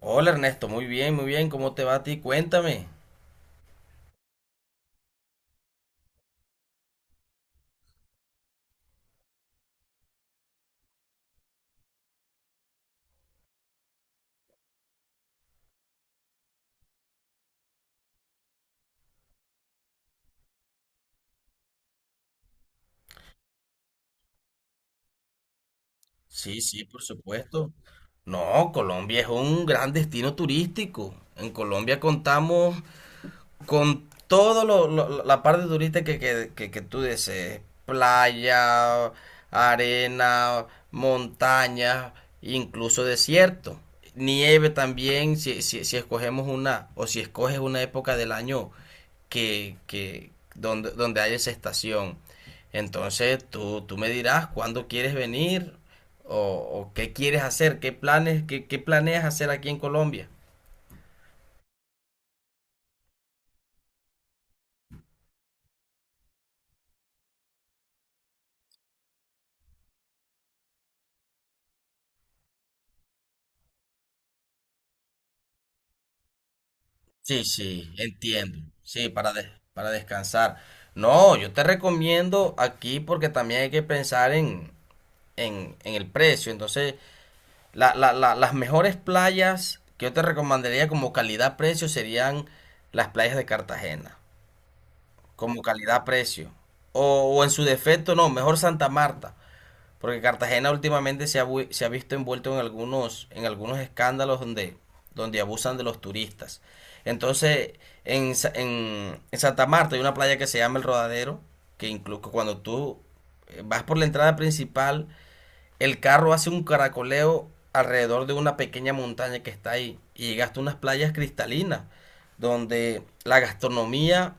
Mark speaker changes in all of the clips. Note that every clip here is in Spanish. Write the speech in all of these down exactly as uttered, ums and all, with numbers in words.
Speaker 1: Hola Ernesto, muy bien, muy bien, ¿cómo te va a ti? Cuéntame. Sí, sí, por supuesto. No, Colombia es un gran destino turístico. En Colombia contamos con todo lo, lo- la parte turista que, que, que, que tú desees, playa, arena, montaña, incluso desierto, nieve también, si, si, si escogemos una, o si escoges una época del año que, que donde, donde haya esa estación. Entonces tú, tú me dirás cuándo quieres venir o, o qué quieres hacer, qué planes, qué, qué planeas hacer aquí en Colombia. Sí, sí, entiendo. Sí, para, des- para descansar. No, yo te recomiendo aquí porque también hay que pensar en, en, en el precio. Entonces, la- la- la- las mejores playas que yo te recomendaría como calidad-precio serían las playas de Cartagena, como calidad-precio. O, o en su defecto, no, mejor Santa Marta. Porque Cartagena últimamente se ha, vu- se ha visto envuelto en algunos, en algunos escándalos donde, donde abusan de los turistas. Entonces, en, Sa- en, en Santa Marta hay una playa que se llama El Rodadero, que incluso cuando tú eh, vas por la entrada principal, el carro hace un caracoleo alrededor de una pequeña montaña que está ahí y llegaste a unas playas cristalinas, donde la gastronomía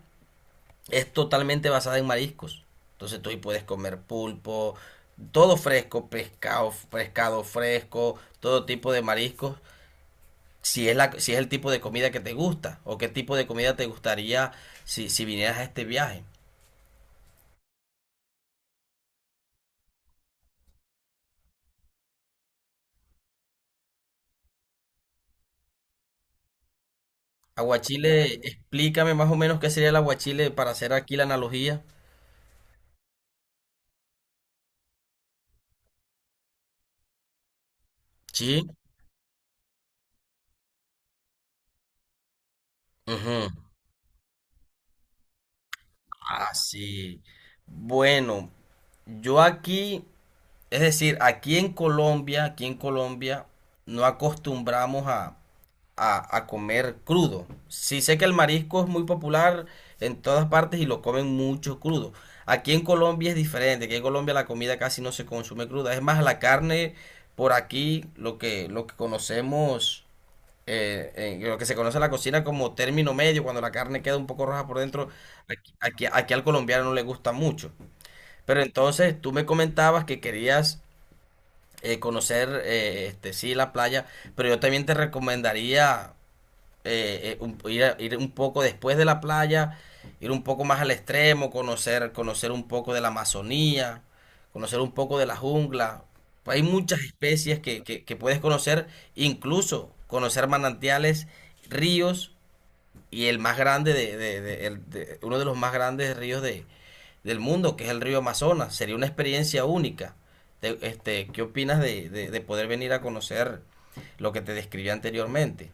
Speaker 1: es totalmente basada en mariscos. Entonces tú ahí puedes comer pulpo, todo fresco, pescado, pescado fresco, todo tipo de mariscos. Si es, la, si es el tipo de comida que te gusta o qué tipo de comida te gustaría si, si vinieras a este viaje. Aguachile, explícame más o menos qué sería el aguachile para hacer aquí la analogía. Sí. Ujú. Ah, sí. Bueno, yo aquí, es decir, aquí en Colombia, aquí en Colombia, no acostumbramos a, a, a comer crudo. Sí sé que el marisco es muy popular en todas partes y lo comen mucho crudo. Aquí en Colombia es diferente, aquí en Colombia la comida casi no se consume cruda. Es más, la carne por aquí, lo que, lo que conocemos, eh, eh, lo que se conoce en la cocina como término medio, cuando la carne queda un poco roja por dentro, aquí, aquí- aquí al colombiano no le gusta mucho. Pero entonces tú me comentabas que querías eh, conocer, eh, este, sí, la playa, pero yo también te recomendaría eh, eh, un- ir, a- ir un poco después de la playa, ir un poco más al extremo, conocer, conocer un poco de la Amazonía, conocer un poco de la jungla. Hay muchas especies que, que- que puedes conocer, incluso conocer manantiales, ríos y el más grande de, de- de- el- de- uno de los más grandes ríos de, del mundo, que es el río Amazonas. Sería una experiencia única. Te- este, ¿qué opinas de, de de poder venir a conocer lo que te describí anteriormente?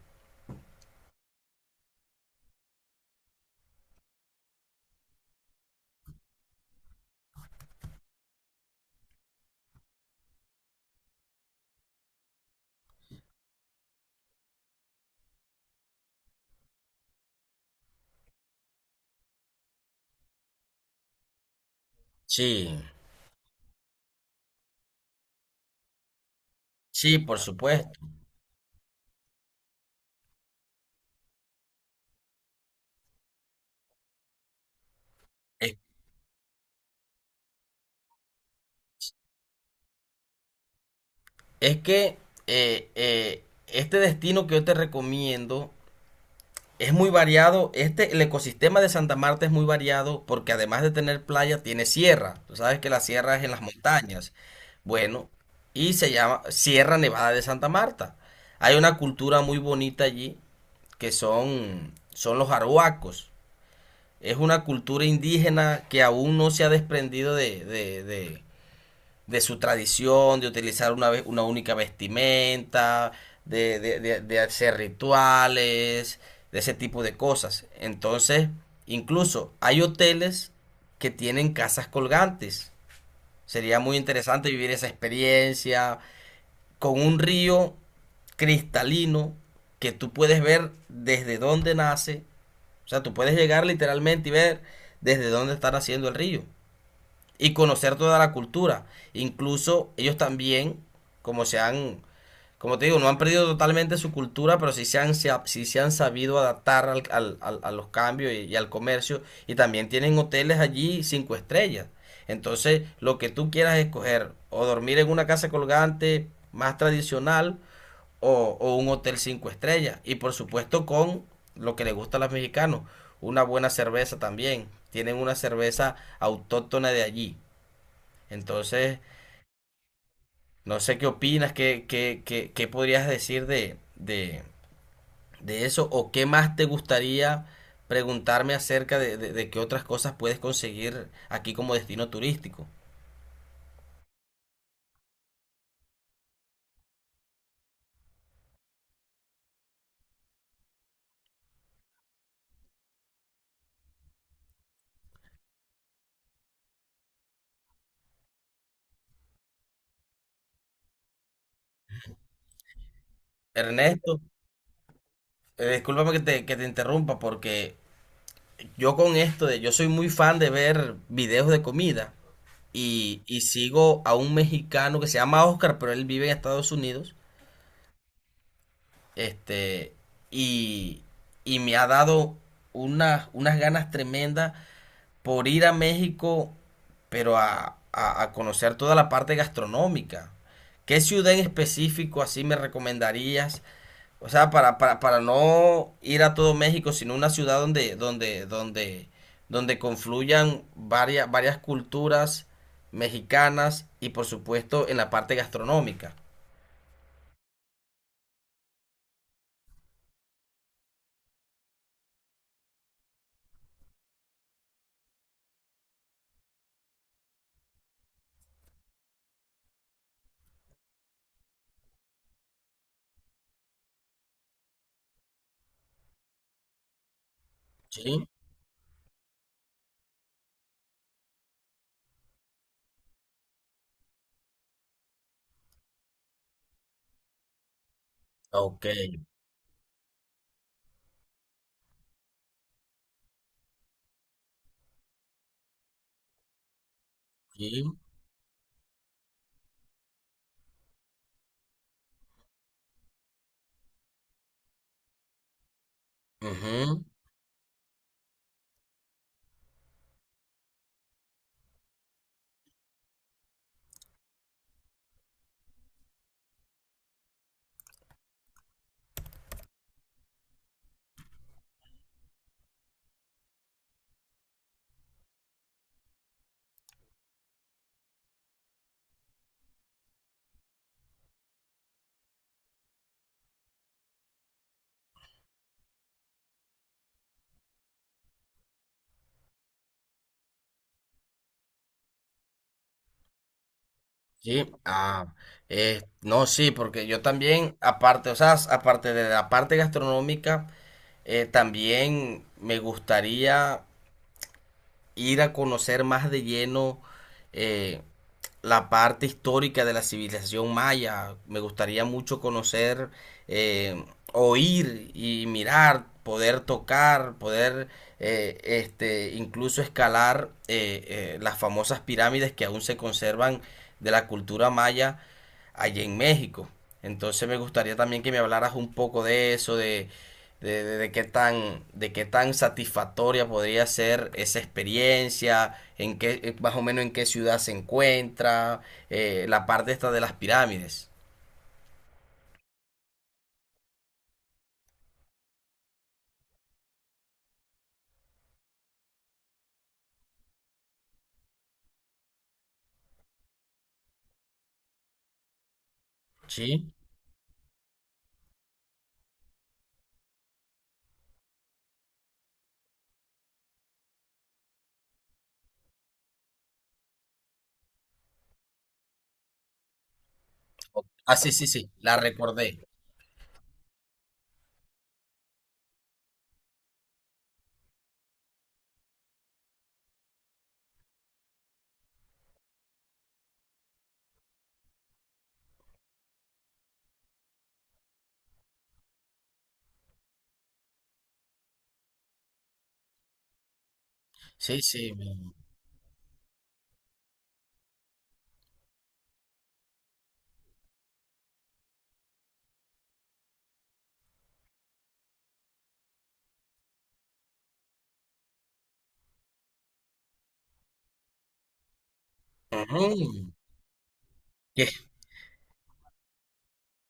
Speaker 1: Sí. Sí, por supuesto. Es, es que eh, eh, este destino que yo te recomiendo es muy variado. Este, el ecosistema de Santa Marta es muy variado porque además de tener playa, tiene sierra. Tú sabes que la sierra es en las montañas. Bueno, y se llama Sierra Nevada de Santa Marta. Hay una cultura muy bonita allí que son, son los arhuacos. Es una cultura indígena que aún no se ha desprendido de, de, de- de su tradición, de utilizar una, ve- una única vestimenta, de, de- de- de hacer rituales, de ese tipo de cosas. Entonces, incluso hay hoteles que tienen casas colgantes. Sería muy interesante vivir esa experiencia con un río cristalino que tú puedes ver desde dónde nace. O sea, tú puedes llegar literalmente y ver desde dónde está naciendo el río y conocer toda la cultura. Incluso ellos también, como se han, como te digo, no han perdido totalmente su cultura, pero sí se han, se ha- sí se han sabido adaptar al- al- al- a los cambios y, y al comercio. Y también tienen hoteles allí cinco estrellas. Entonces, lo que tú quieras escoger, o dormir en una casa colgante más tradicional, o, o un hotel cinco estrellas. Y por supuesto con lo que le gusta a los mexicanos, una buena cerveza también. Tienen una cerveza autóctona de allí. Entonces, no sé qué opinas, qué, qué, qué, qué podrías decir de, de, de eso o qué más te gustaría preguntarme acerca de, de- de qué otras cosas puedes conseguir aquí como destino turístico. Ernesto, eh, discúlpame que te, que te interrumpa porque yo con esto de, yo soy muy fan de ver videos de comida y, y sigo a un mexicano que se llama Oscar, pero él vive en Estados Unidos. Este, y, y me ha dado unas, unas ganas tremendas por ir a México, pero a, a- a conocer toda la parte gastronómica. ¿Qué ciudad en específico así me recomendarías? O sea, para, para, para no ir a todo México, sino una ciudad donde, donde, donde, donde confluyan varias, varias culturas mexicanas y por supuesto en la parte gastronómica. Sí, ok, sí, ujú. Sí, ah, eh, no, sí, porque yo también, aparte, o sea, aparte de la parte gastronómica, eh, también me gustaría ir a conocer más de lleno, eh, la parte histórica de la civilización maya. Me gustaría mucho conocer, eh, oír y mirar, poder tocar, poder eh, este, incluso escalar eh, eh, las famosas pirámides que aún se conservan de la cultura maya allá en México. Entonces me gustaría también que me hablaras un poco de eso, de, de, de- de qué tan, de qué tan, satisfactoria podría ser esa experiencia, en qué, eh, más o menos en qué ciudad se encuentra, eh, la parte esta de las pirámides. Sí. Ah, sí, sí, sí, la recordé. Sí, sí. me- Ujú.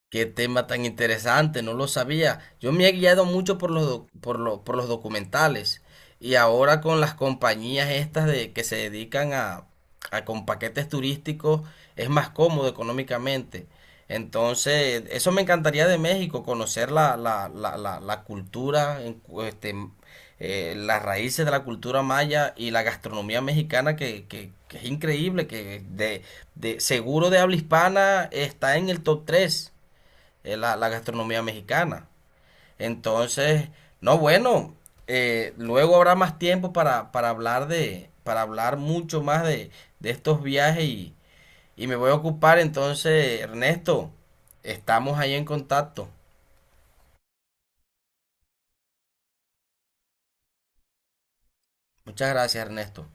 Speaker 1: Qué tema tan interesante, no lo sabía. Yo me he guiado mucho por los, doc- por lo- por los documentales y ahora con las compañías estas de, que se dedican a, a con paquetes turísticos es más cómodo económicamente. Entonces, eso me encantaría de México, conocer la, la, la, la, la cultura, en cu- este, eh, las raíces de la cultura maya y la gastronomía mexicana que, que- que es increíble, que de, de seguro de habla hispana está en el top tres es la, la gastronomía mexicana. Entonces, no, bueno, eh, luego habrá más tiempo para, para hablar de, para hablar mucho más de, de estos viajes y, y me voy a ocupar entonces, Ernesto, estamos ahí en contacto. Muchas gracias, Ernesto.